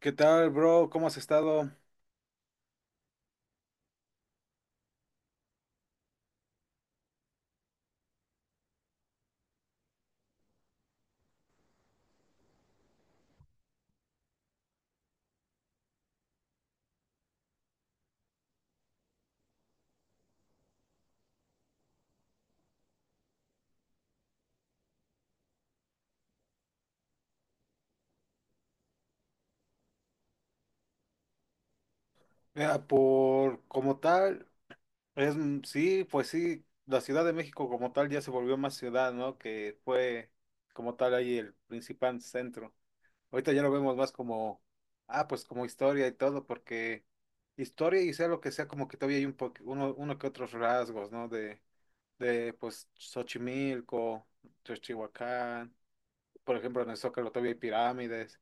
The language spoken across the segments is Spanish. ¿Qué tal, bro? ¿Cómo has estado? Mira, por como tal, es sí, pues sí, la Ciudad de México como tal ya se volvió más ciudad, ¿no? Que fue como tal ahí el principal centro. Ahorita ya lo vemos más como, ah, pues como historia y todo, porque historia y sea lo que sea, como que todavía hay uno, uno que otros rasgos, ¿no? De pues Xochimilco, Teotihuacán, por ejemplo, en el Zócalo todavía hay pirámides,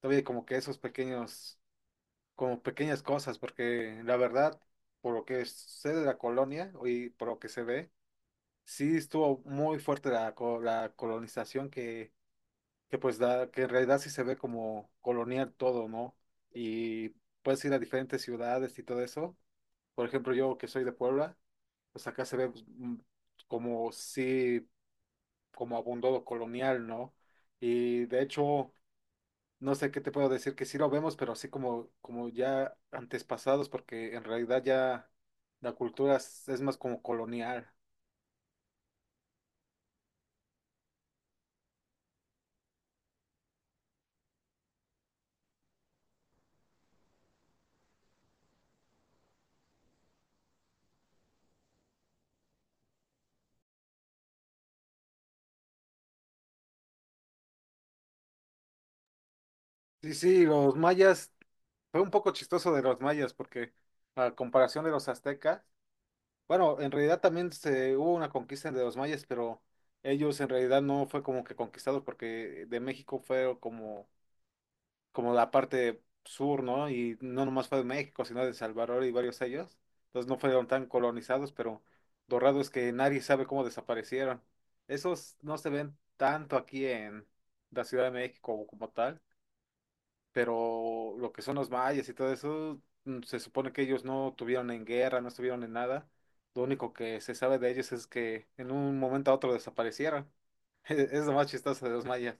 todavía hay como que esos pequeños como pequeñas cosas, porque la verdad, por lo que sé de la colonia y por lo que se ve, sí estuvo muy fuerte la colonización que pues da, que en realidad sí se ve como colonial todo, ¿no? Y puedes ir a diferentes ciudades y todo eso. Por ejemplo, yo que soy de Puebla, pues acá se ve pues, como sí, como abundó lo colonial, ¿no? Y de hecho, no sé qué te puedo decir, que sí lo vemos, pero así como, como ya antes pasados, porque en realidad ya la cultura es más como colonial. Sí, sí, los mayas, fue un poco chistoso de los mayas, porque a comparación de los aztecas, bueno, en realidad también se, hubo una conquista de los mayas, pero ellos en realidad no fue como que conquistados, porque de México fue como la parte sur, ¿no? Y no nomás fue de México, sino de Salvador y varios ellos. Entonces no fueron tan colonizados, pero lo raro es que nadie sabe cómo desaparecieron. Esos no se ven tanto aquí en la Ciudad de México como tal, pero lo que son los mayas y todo eso, se supone que ellos no tuvieron en guerra, no estuvieron en nada. Lo único que se sabe de ellos es que en un momento a otro desaparecieron. Es lo más chistoso de los mayas.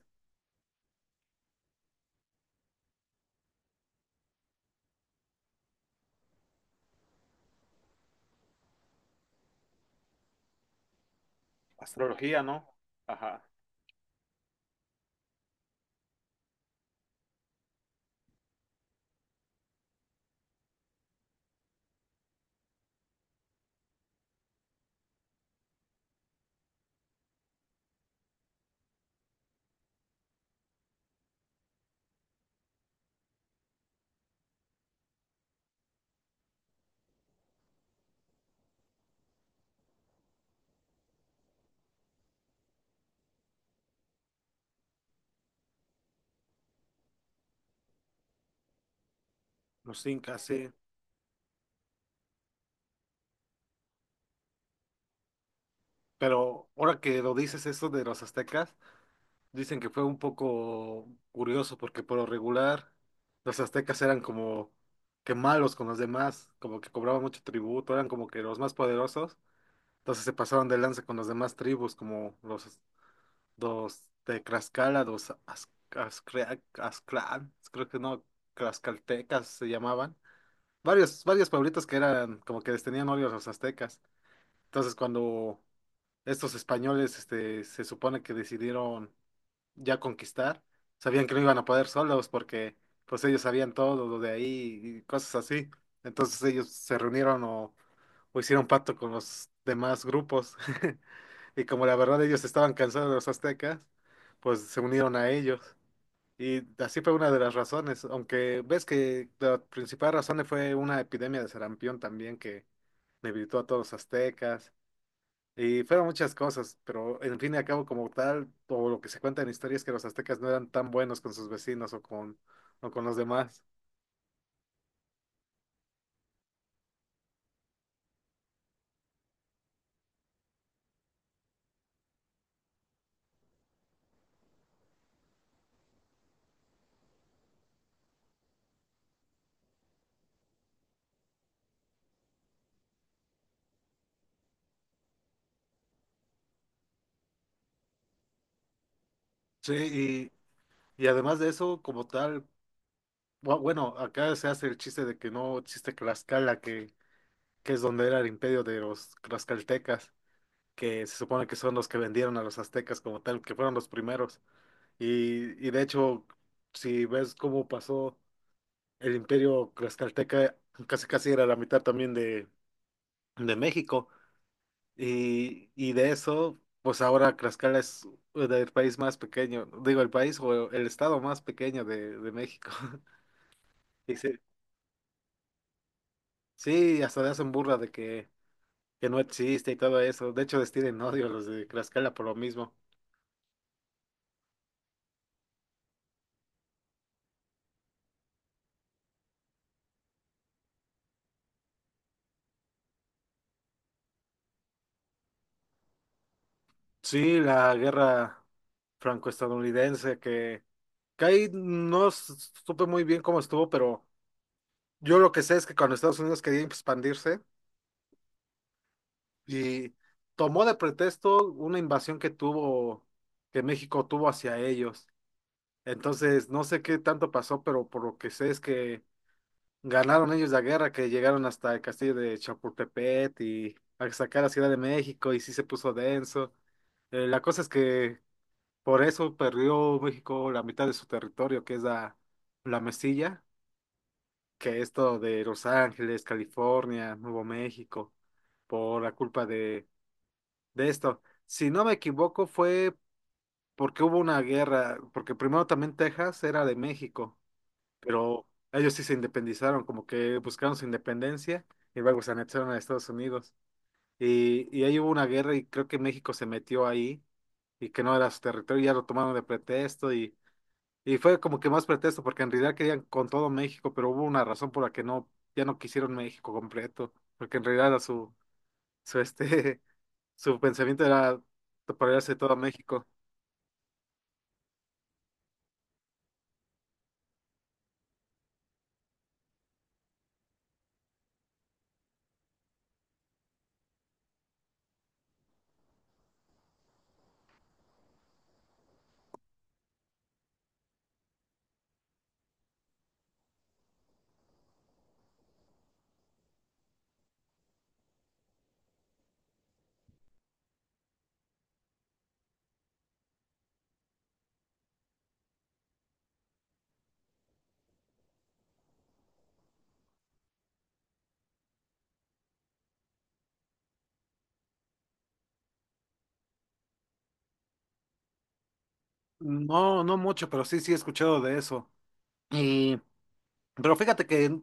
Astrología, ¿no? Ajá. Los incas, sí. Pero ahora que lo dices eso de los aztecas, dicen que fue un poco curioso porque por lo regular los aztecas eran como que malos con los demás, como que cobraban mucho tributo, eran como que los más poderosos, entonces se pasaban de lanza con las demás tribus como los de Tlaxcala, los Azclan, creo que no, Tlaxcaltecas se llamaban, varios pueblitos que eran como que les tenían odio a los aztecas, entonces cuando estos españoles este, se supone que decidieron ya conquistar, sabían que no iban a poder solos porque pues ellos sabían todo lo de ahí y cosas así. Entonces ellos se reunieron o hicieron pacto con los demás grupos. Y como la verdad ellos estaban cansados de los aztecas, pues se unieron a ellos. Y así fue una de las razones, aunque ves que la principal razón fue una epidemia de sarampión también que debilitó a todos los aztecas y fueron muchas cosas, pero en fin y al cabo, como tal, todo lo que se cuenta en historia es que los aztecas no eran tan buenos con sus vecinos o con los demás. Sí, y además de eso, como tal, bueno, acá se hace el chiste de que no existe Tlaxcala, que es donde era el imperio de los tlaxcaltecas, que se supone que son los que vendieron a los aztecas como tal, que fueron los primeros. Y de hecho, si ves cómo pasó el imperio tlaxcalteca, casi casi era la mitad también de México. Y de eso, pues ahora Tlaxcala es el país más pequeño, digo, el país o el estado más pequeño de México. Y sí, sí, hasta le hacen burla de que no existe y todo eso. De hecho, les tienen odio a los de Tlaxcala por lo mismo. Sí, la guerra franco-estadounidense que ahí no s- supe muy bien cómo estuvo, pero yo lo que sé es que cuando Estados Unidos quería expandirse, y tomó de pretexto una invasión que tuvo, que México tuvo hacia ellos. Entonces, no sé qué tanto pasó, pero por lo que sé es que ganaron ellos la guerra, que llegaron hasta el castillo de Chapultepec y hasta acá la Ciudad de México y sí se puso denso. La cosa es que por eso perdió México la mitad de su territorio, que es la Mesilla, que es todo de Los Ángeles, California, Nuevo México, por la culpa de esto. Si no me equivoco, fue porque hubo una guerra, porque primero también Texas era de México, pero ellos sí se independizaron, como que buscaron su independencia y luego se anexaron a Estados Unidos. Y ahí hubo una guerra y creo que México se metió ahí y que no era su territorio, ya lo tomaron de pretexto y fue como que más pretexto porque en realidad querían con todo México, pero hubo una razón por la que no, ya no quisieron México completo, porque en realidad era su, su este, su pensamiento era apoderarse de todo México. No, no mucho, pero sí, sí he escuchado de eso. Y, pero fíjate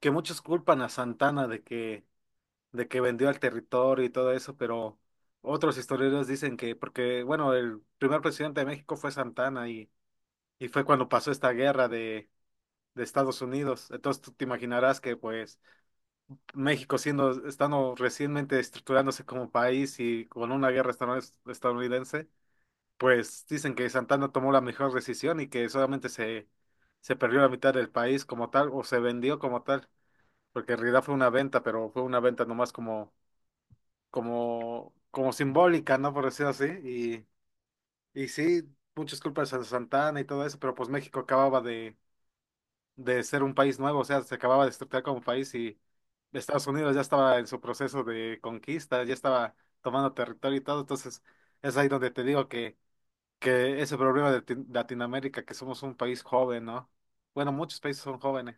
que muchos culpan a Santana de que vendió el territorio y todo eso, pero otros historiadores dicen que, porque, bueno, el primer presidente de México fue Santana y fue cuando pasó esta guerra de Estados Unidos. Entonces tú te imaginarás que, pues, México siendo, estando recientemente estructurándose como país y con una guerra estadounidense. Pues dicen que Santana tomó la mejor decisión y que solamente se perdió la mitad del país como tal, o se vendió como tal, porque en realidad fue una venta, pero fue una venta nomás como simbólica, ¿no? Por decirlo así. Y sí, muchas culpas a Santana y todo eso, pero pues México acababa de ser un país nuevo, o sea, se acababa de estructurar como país y Estados Unidos ya estaba en su proceso de conquista, ya estaba tomando territorio y todo, entonces es ahí donde te digo que ese problema de Latinoamérica, que somos un país joven, ¿no? Bueno, muchos países son jóvenes.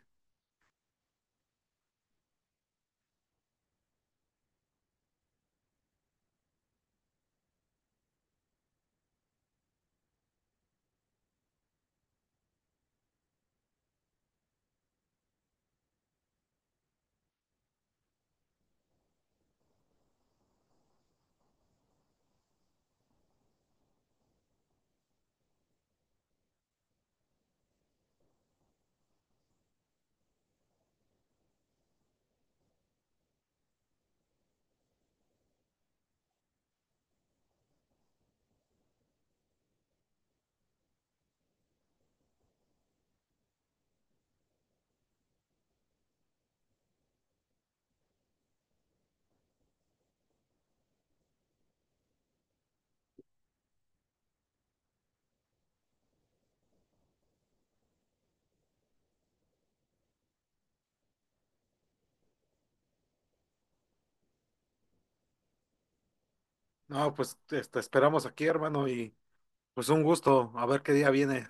No, pues este esperamos aquí, hermano, y pues un gusto, a ver qué día viene.